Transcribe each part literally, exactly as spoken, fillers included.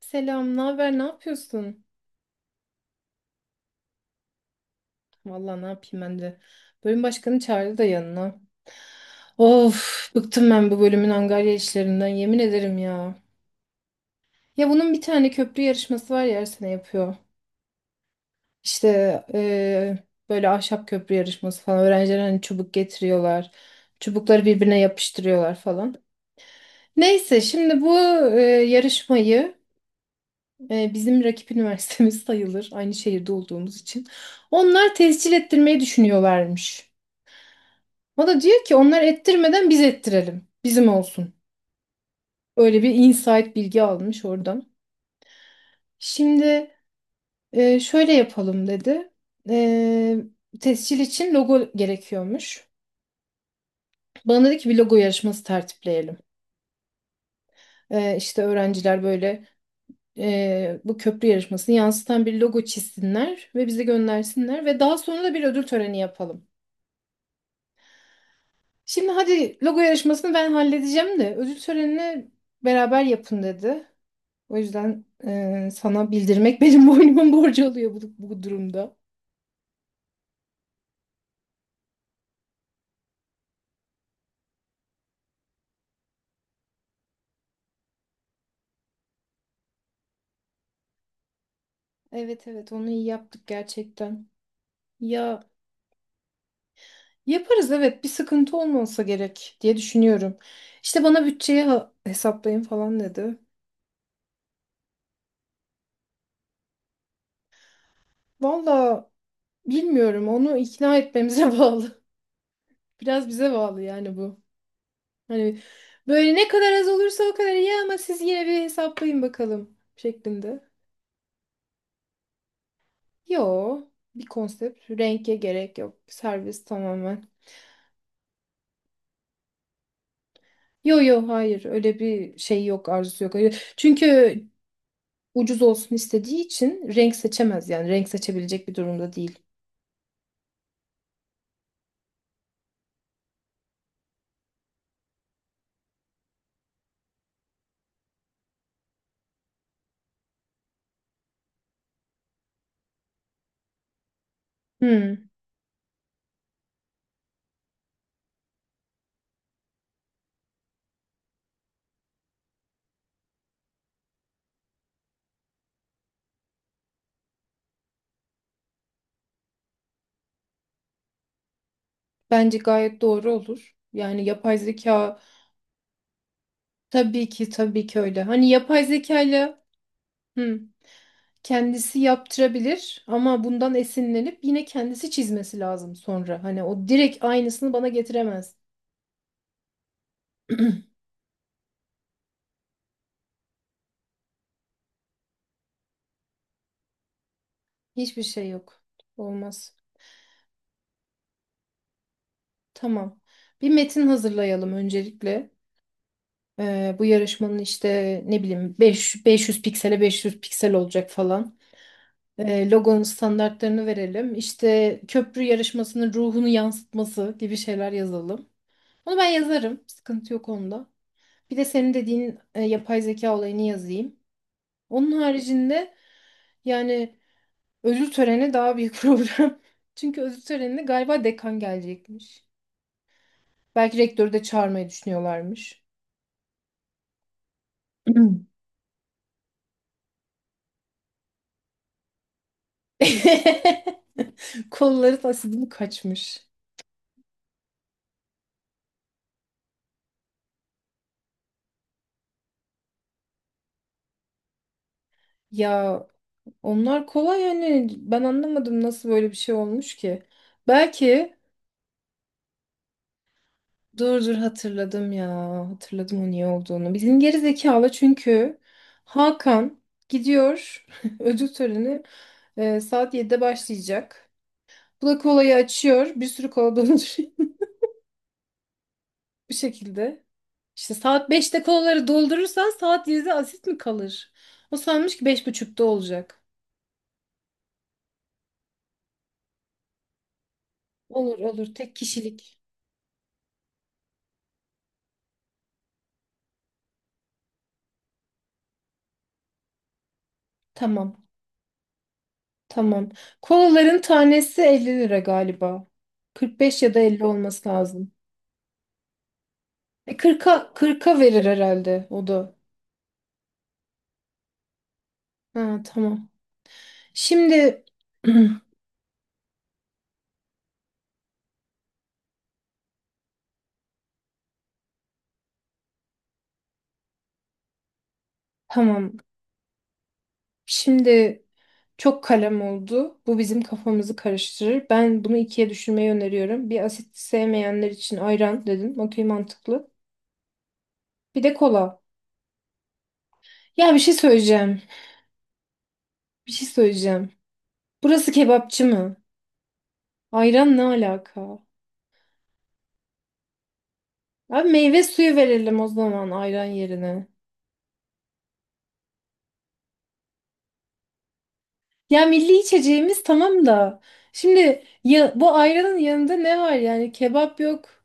Selam, ne haber, ne yapıyorsun? Vallahi ne yapayım ben de. Bölüm başkanı çağırdı da yanına. Of, bıktım ben bu bölümün angarya işlerinden, yemin ederim ya. Ya bunun bir tane köprü yarışması var ya her sene yapıyor. İşte eee, böyle ahşap köprü yarışması falan. Öğrenciler hani çubuk getiriyorlar. Çubukları birbirine yapıştırıyorlar falan. Neyse şimdi bu eee, yarışmayı eee, bizim rakip üniversitemiz sayılır. Aynı şehirde olduğumuz için. Onlar tescil ettirmeyi düşünüyorlarmış. O da diyor ki onlar ettirmeden biz ettirelim. Bizim olsun. Öyle bir insight bilgi almış oradan. Şimdi e, şöyle yapalım dedi. E, Tescil için logo gerekiyormuş. Bana dedi ki bir logo yarışması tertipleyelim. E, işte öğrenciler böyle e, bu köprü yarışmasını yansıtan bir logo çizsinler ve bize göndersinler ve daha sonra da bir ödül töreni yapalım. Şimdi hadi logo yarışmasını ben halledeceğim de ödül törenini beraber yapın dedi. O yüzden e, sana bildirmek benim boynumun borcu oluyor bu, bu durumda. Evet evet onu iyi yaptık gerçekten. Ya yaparız evet, bir sıkıntı olmasa gerek diye düşünüyorum. İşte bana bütçeyi ha- hesaplayın falan dedi. Valla bilmiyorum, onu ikna etmemize bağlı. Biraz bize bağlı yani bu. Hani böyle ne kadar az olursa o kadar iyi ama siz yine bir hesaplayın bakalım şeklinde. Yo, bir konsept renge gerek yok. Servis tamamen. Yo yo hayır öyle bir şey yok, arzusu yok. Öyle- Çünkü ucuz olsun istediği için renk seçemez, yani renk seçebilecek bir durumda değil. Hmm, bence gayet doğru olur. Yani yapay zeka tabii ki tabii ki öyle. Hani yapay zekayla hmm, kendisi yaptırabilir ama bundan esinlenip yine kendisi çizmesi lazım sonra. Hani o direkt aynısını bana getiremez. Hiçbir şey yok. Olmaz. Tamam. Bir metin hazırlayalım öncelikle. Ee, bu yarışmanın işte ne bileyim beş beş yüz piksele beş yüz piksel olacak falan. Ee, logonun standartlarını verelim. İşte köprü yarışmasının ruhunu yansıtması gibi şeyler yazalım. Onu ben yazarım. Sıkıntı yok onda. Bir de senin dediğin e, yapay zeka olayını yazayım. Onun haricinde yani ödül töreni daha büyük problem. Çünkü ödül törenine galiba dekan gelecekmiş. Belki rektörü de çağırmayı düşünüyorlarmış. Kolları tasidini kaçmış. Ya onlar kolay, yani ben anlamadım nasıl böyle bir şey olmuş ki. Belki dur dur hatırladım ya, hatırladım o niye olduğunu. Bizim geri zekalı çünkü Hakan gidiyor, ödül töreni e, saat yedide başlayacak. Bu da kolayı açıyor, bir sürü kola dolduruyor bu şekilde. İşte saat beşte kolaları doldurursan saat yedide asit mi kalır? O sanmış ki beş buçukta olacak. Olur olur, tek kişilik. Tamam. Tamam. Kolaların tanesi elli lira galiba. kırk beş ya da elli olması lazım. E kırka kırka verir herhalde o da. Ha, tamam. Şimdi tamam. Şimdi çok kalem oldu. Bu bizim kafamızı karıştırır. Ben bunu ikiye düşürmeyi öneriyorum. Bir, asit sevmeyenler için ayran dedim. Okey, mantıklı. Bir de kola. Ya bir şey söyleyeceğim. Bir şey söyleyeceğim. Burası kebapçı mı? Ayran ne alaka? Abi meyve suyu verelim o zaman ayran yerine. Ya milli içeceğimiz tamam da. Şimdi ya, bu ayranın yanında ne var, yani kebap yok.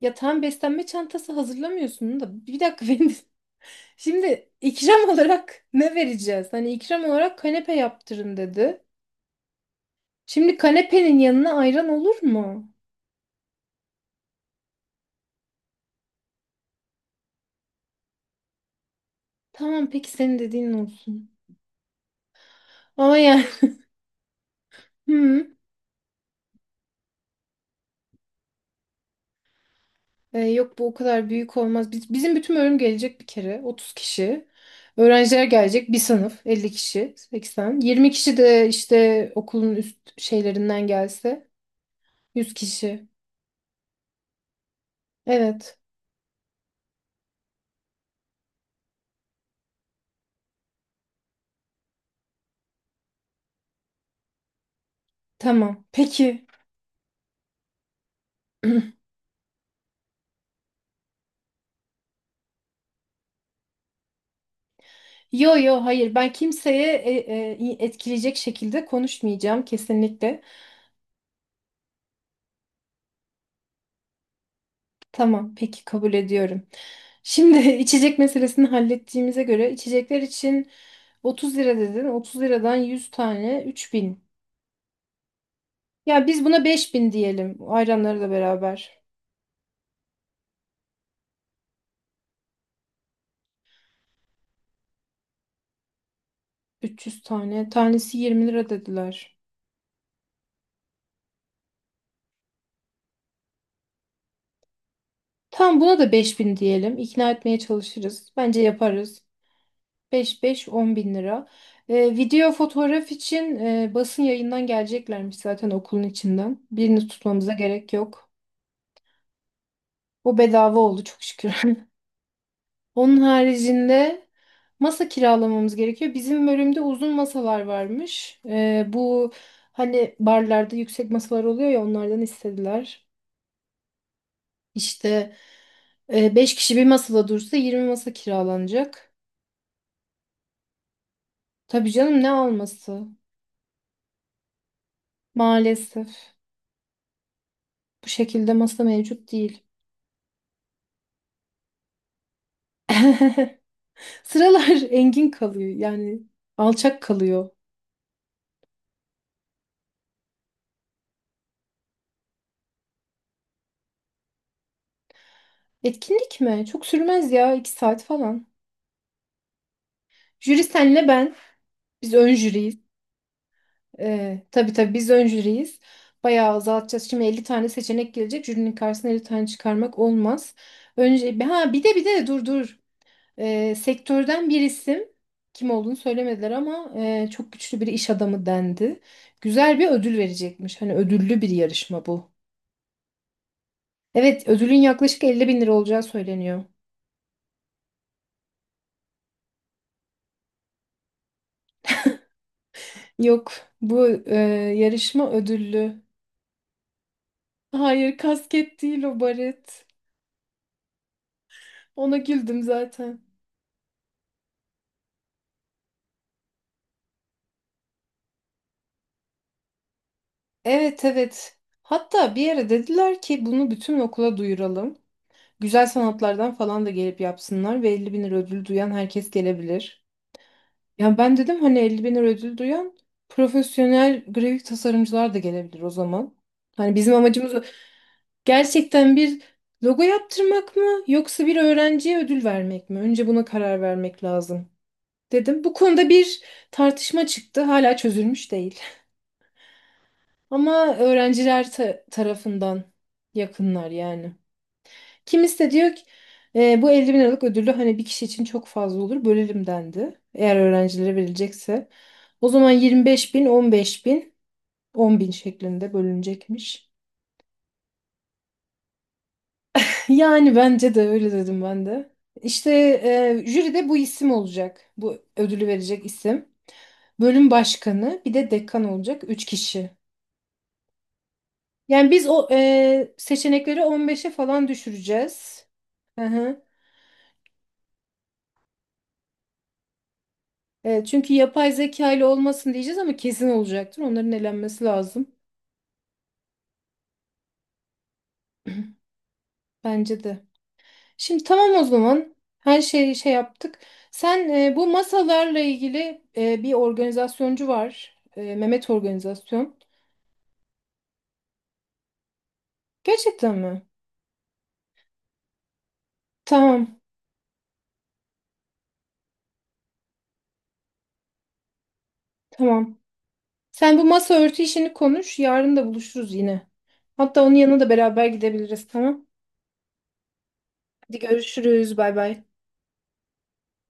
Ya tam beslenme çantası hazırlamıyorsun da. Bir dakika benim. Şimdi ikram olarak ne vereceğiz? Hani ikram olarak kanepe yaptırın dedi. Şimdi kanepenin yanına ayran olur mu? Tamam, peki senin dediğin olsun. Ama yani. Hı. E, yok bu o kadar büyük olmaz. Biz, bizim bütün bölüm gelecek bir kere. Otuz kişi. Öğrenciler gelecek. Bir sınıf elli kişi. sekseninci yirmi kişi de işte okulun üst şeylerinden gelse. Yüz kişi. Evet. Tamam. Peki. Yo yo hayır. Ben kimseye e, e, etkileyecek şekilde konuşmayacağım kesinlikle. Tamam. Peki, kabul ediyorum. Şimdi içecek meselesini hallettiğimize göre içecekler için otuz lira dedin. Otuz liradan yüz tane, üç bin. Ya biz buna beş bin diyelim, ayranları da beraber. üç yüz tane. Tanesi yirmi lira dediler. Tamam, buna da beş bin diyelim. İkna etmeye çalışırız. Bence yaparız. beş, beş, on bin lira. Ee, video fotoğraf için e, basın yayından geleceklermiş zaten, okulun içinden. Birini tutmamıza gerek yok. O bedava oldu çok şükür. Onun haricinde masa kiralamamız gerekiyor. Bizim bölümde uzun masalar varmış. Ee, bu hani barlarda yüksek masalar oluyor ya, onlardan istediler. İşte e, beş kişi bir masada dursa yirmi masa kiralanacak. Tabii canım, ne alması? Maalesef bu şekilde masa mevcut değil. Sıralar engin kalıyor, yani alçak kalıyor. Etkinlik mi? Çok sürmez ya, iki saat falan. Jüri senle ben. Biz ön jüriyiz. Ee, tabii tabii biz ön jüriyiz. Bayağı azaltacağız. Şimdi elli tane seçenek gelecek. Jürinin karşısına elli tane çıkarmak olmaz. Önce ha bir de bir de dur dur. Ee, sektörden bir isim, kim olduğunu söylemediler ama e, çok güçlü bir iş adamı dendi. Güzel bir ödül verecekmiş. Hani ödüllü bir yarışma bu. Evet, ödülün yaklaşık elli bin lira olacağı söyleniyor. Yok, bu e, yarışma ödüllü. Hayır, kasket değil o, baret. Ona güldüm zaten. Evet evet. Hatta bir yere dediler ki bunu bütün okula duyuralım. Güzel sanatlardan falan da gelip yapsınlar ve elli bin lira ödül duyan herkes gelebilir. Ya ben dedim hani elli bin lira ödül duyan profesyonel grafik tasarımcılar da gelebilir o zaman. Hani bizim amacımız o- gerçekten bir logo yaptırmak mı yoksa bir öğrenciye ödül vermek mi? Önce buna karar vermek lazım dedim. Bu konuda bir tartışma çıktı. Hala çözülmüş değil. Ama öğrenciler ta- tarafından yakınlar yani. Kimisi de diyor ki: "E, bu elli bin liralık ödülü hani bir kişi için çok fazla olur, bölelim" dendi. Eğer öğrencilere verilecekse. O zaman yirmi beş bin, on beş bin, on bin şeklinde bölünecekmiş. Yani bence de öyle dedim ben de. İşte e, jüride bu isim olacak. Bu ödülü verecek isim. Bölüm başkanı, bir de dekan olacak. Üç kişi. Yani biz o e, seçenekleri on beşe falan düşüreceğiz. Hı hı. E, çünkü yapay zeka ile olmasın diyeceğiz ama kesin olacaktır. Onların elenmesi lazım. Bence de. Şimdi tamam o zaman. Her şeyi şey yaptık. Sen e, bu masalarla ilgili e, bir organizasyoncu var. E, Mehmet Organizasyon. Gerçekten mi? Tamam, tamam. Sen bu masa örtü işini konuş. Yarın da buluşuruz yine. Hatta onun yanına da beraber gidebiliriz, tamam? Hadi görüşürüz. Bay bay.